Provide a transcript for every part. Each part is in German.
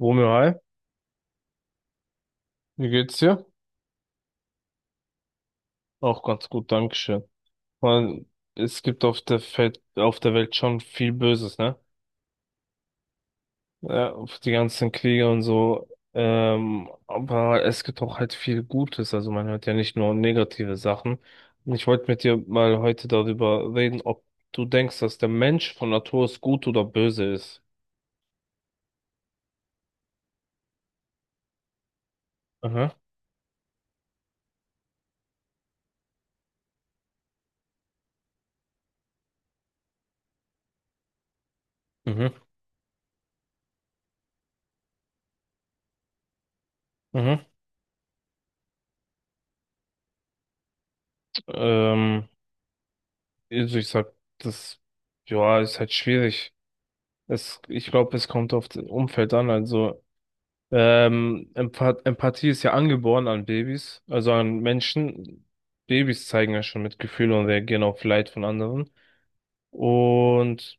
Romeo, hi, wie geht's dir? Auch ganz gut, Dankeschön. Man, es gibt auf der Welt schon viel Böses, ne? Ja, auf die ganzen Kriege und so. Aber es gibt auch halt viel Gutes. Also man hört ja nicht nur negative Sachen. Und ich wollte mit dir mal heute darüber reden, ob du denkst, dass der Mensch von Natur aus gut oder böse ist. Mhm, mhm, mhm. Ähm, also ich sag, das, ja, ist halt schwierig. Es, ich glaube, es kommt auf das Umfeld an. Also Empathie ist ja angeboren an Babys, also an Menschen. Babys zeigen ja schon Mitgefühl und reagieren auf Leid von anderen. Und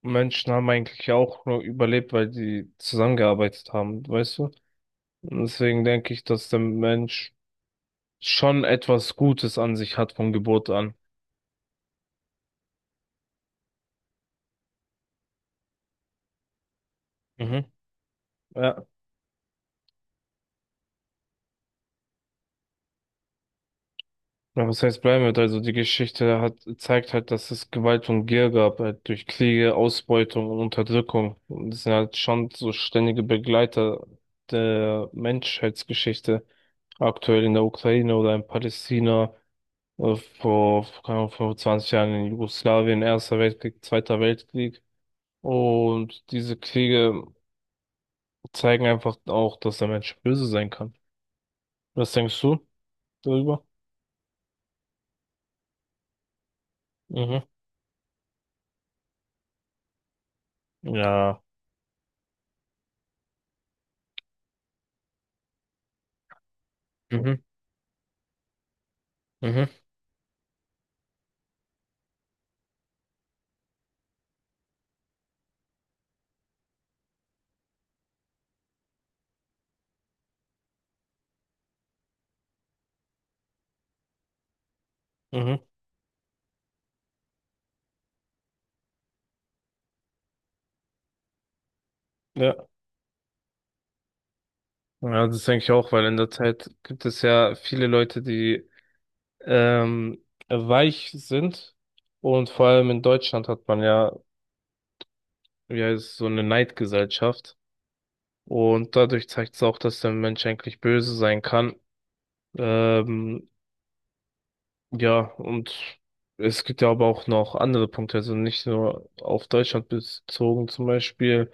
Menschen haben eigentlich ja auch nur überlebt, weil die zusammengearbeitet haben, weißt du? Und deswegen denke ich, dass der Mensch schon etwas Gutes an sich hat von Geburt an. Mhm. Ja. Ja, was heißt bleiben wird? Also die Geschichte hat zeigt halt, dass es Gewalt und Gier gab, halt durch Kriege, Ausbeutung und Unterdrückung. Und das sind halt schon so ständige Begleiter der Menschheitsgeschichte. Aktuell in der Ukraine oder in Palästina, vor, keine Ahnung, 25 Jahren in Jugoslawien, Erster Weltkrieg, Zweiter Weltkrieg. Und diese Kriege zeigen einfach auch, dass der Mensch böse sein kann. Was denkst du darüber? Mhm. Ja. Mhm. Mhm. Mhm. Ja. Ja, das denke ich auch, weil in der Zeit gibt es ja viele Leute, die weich sind. Und vor allem in Deutschland hat man ja, wie heißt es, so eine Neidgesellschaft. Und dadurch zeigt es auch, dass der Mensch eigentlich böse sein kann. Ähm, Ja, und es gibt ja aber auch noch andere Punkte, also nicht nur auf Deutschland bezogen, zum Beispiel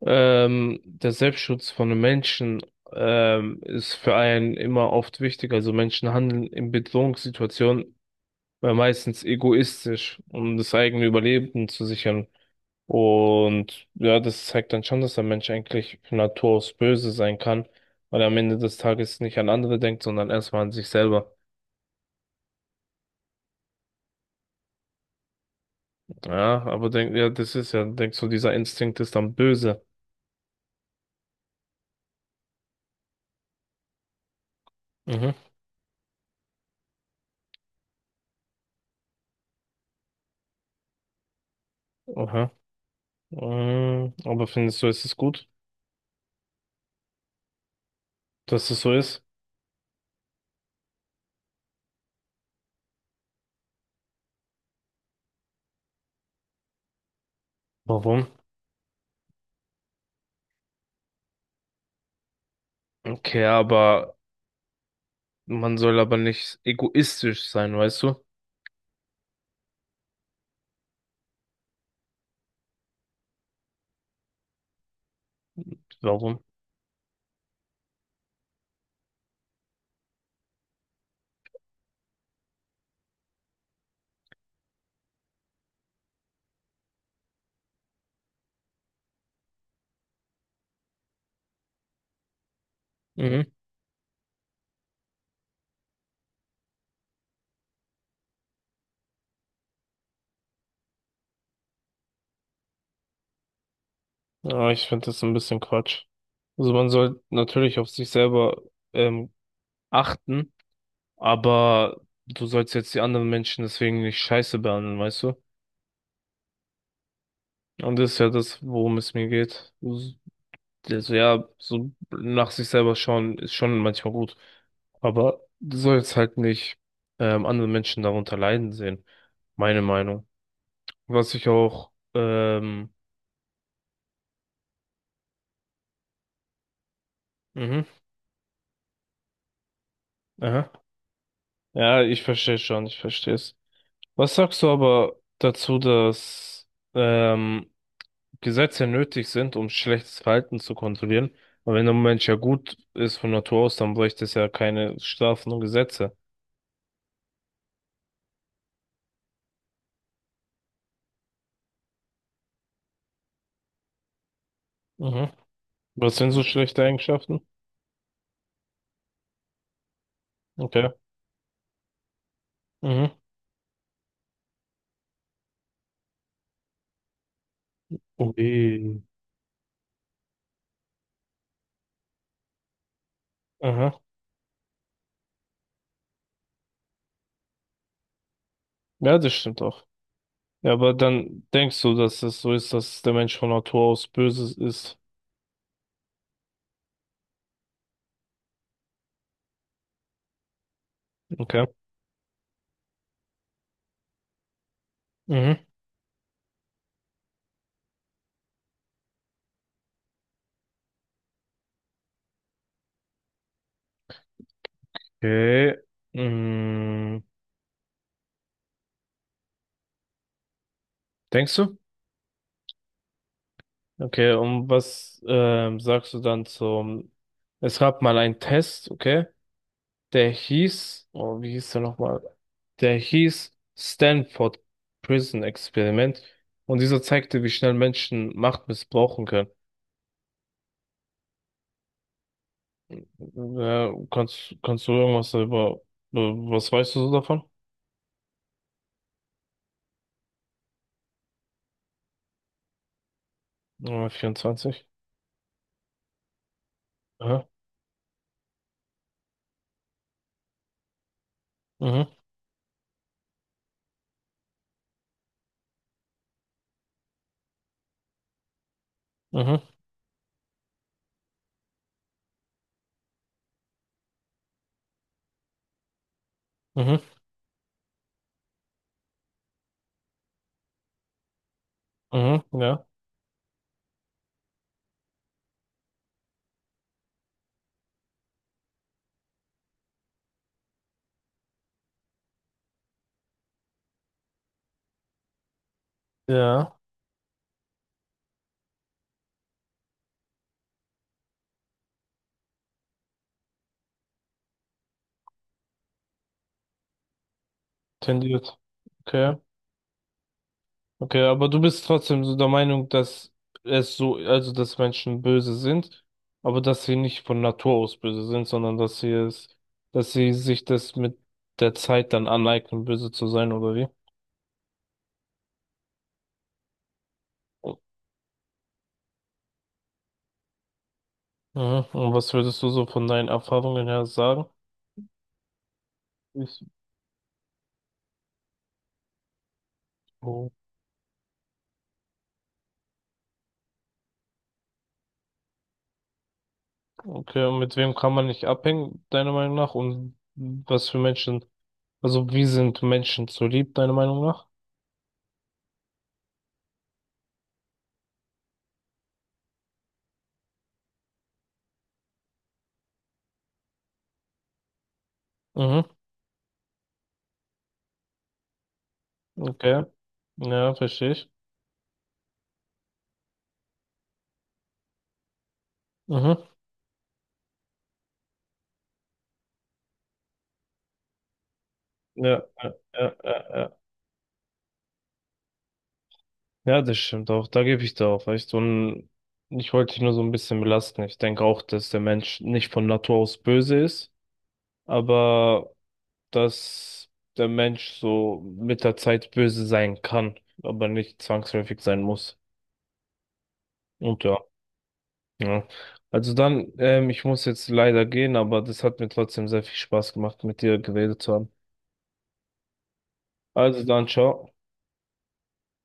der Selbstschutz von den Menschen ist für einen immer oft wichtig. Also Menschen handeln in Bedrohungssituationen meistens egoistisch, um das eigene Überleben zu sichern. Und ja, das zeigt dann schon, dass der Mensch eigentlich von Natur aus böse sein kann, weil er am Ende des Tages nicht an andere denkt, sondern erstmal an sich selber. Ja, aber das ist ja, denkst du, dieser Instinkt ist dann böse. Mhm. Aha. Mm, aber findest du, ist es gut, dass es so ist? Warum? Okay, man soll aber nicht egoistisch sein, weißt du? Warum? Mhm. Ja, ich finde das ein bisschen Quatsch. Also man soll natürlich auf sich selber ähm, achten, aber du sollst jetzt die anderen Menschen deswegen nicht scheiße behandeln, weißt du? Und das ist ja das, worum es mir geht. Also ja, so nach sich selber schauen ist schon manchmal gut. Aber du sollst halt nicht andere Menschen darunter leiden sehen. Meine Meinung. Was ich auch, mhm, aha. Ja, ich verstehe schon, ich verstehe es. Was sagst du aber dazu, dass ähm, Gesetze nötig sind, um schlechtes Verhalten zu kontrollieren? Aber wenn ein Mensch ja gut ist von Natur aus, dann bräuchte es ja keine Strafen und Gesetze. Mhm. Was sind so schlechte Eigenschaften? Okay. Mhm. Ui. Aha. Ja, das stimmt auch. Ja, aber dann denkst du, dass es so ist, dass der Mensch von Natur aus böse ist. Okay. Mhm. Okay. Mhm. Denkst du? Okay, und was sagst du dann zum... Es gab mal einen Test, okay? Der hieß... Oh, wie hieß der nochmal? Der hieß Stanford Prison Experiment. Und dieser zeigte, wie schnell Menschen Macht missbrauchen können. Ja, kannst du irgendwas darüber, was weißt du so davon? 24. Aha. Mhm, mhm, mhm, mhm, ja, ja, tendiert. Okay, okay, aber du bist trotzdem so der Meinung, dass also dass Menschen böse sind, aber dass sie nicht von Natur aus böse sind, sondern dass dass sie sich das mit der Zeit dann aneignen, böse zu sein, oder wie? Mhm. Und was würdest du so von deinen Erfahrungen her sagen? Ich, oh. Okay, und mit wem kann man nicht abhängen, deiner Meinung nach? Und was für Menschen, also wie sind Menschen zu lieb, deiner Meinung nach? Mhm, okay. Ja, verstehe ich. Mhm. Ja, ja, ja, ja. Ja, ja, das stimmt auch. Da gebe ich dir auch recht. Und ich wollte dich nur so ein bisschen belasten. Ich denke auch, dass der Mensch nicht von Natur aus böse ist, aber dass der Mensch so mit der Zeit böse sein kann, aber nicht zwangsläufig sein muss. Und ja. Ja. Also dann, ich muss jetzt leider gehen, aber das hat mir trotzdem sehr viel Spaß gemacht, mit dir geredet zu haben. Also dann, ciao.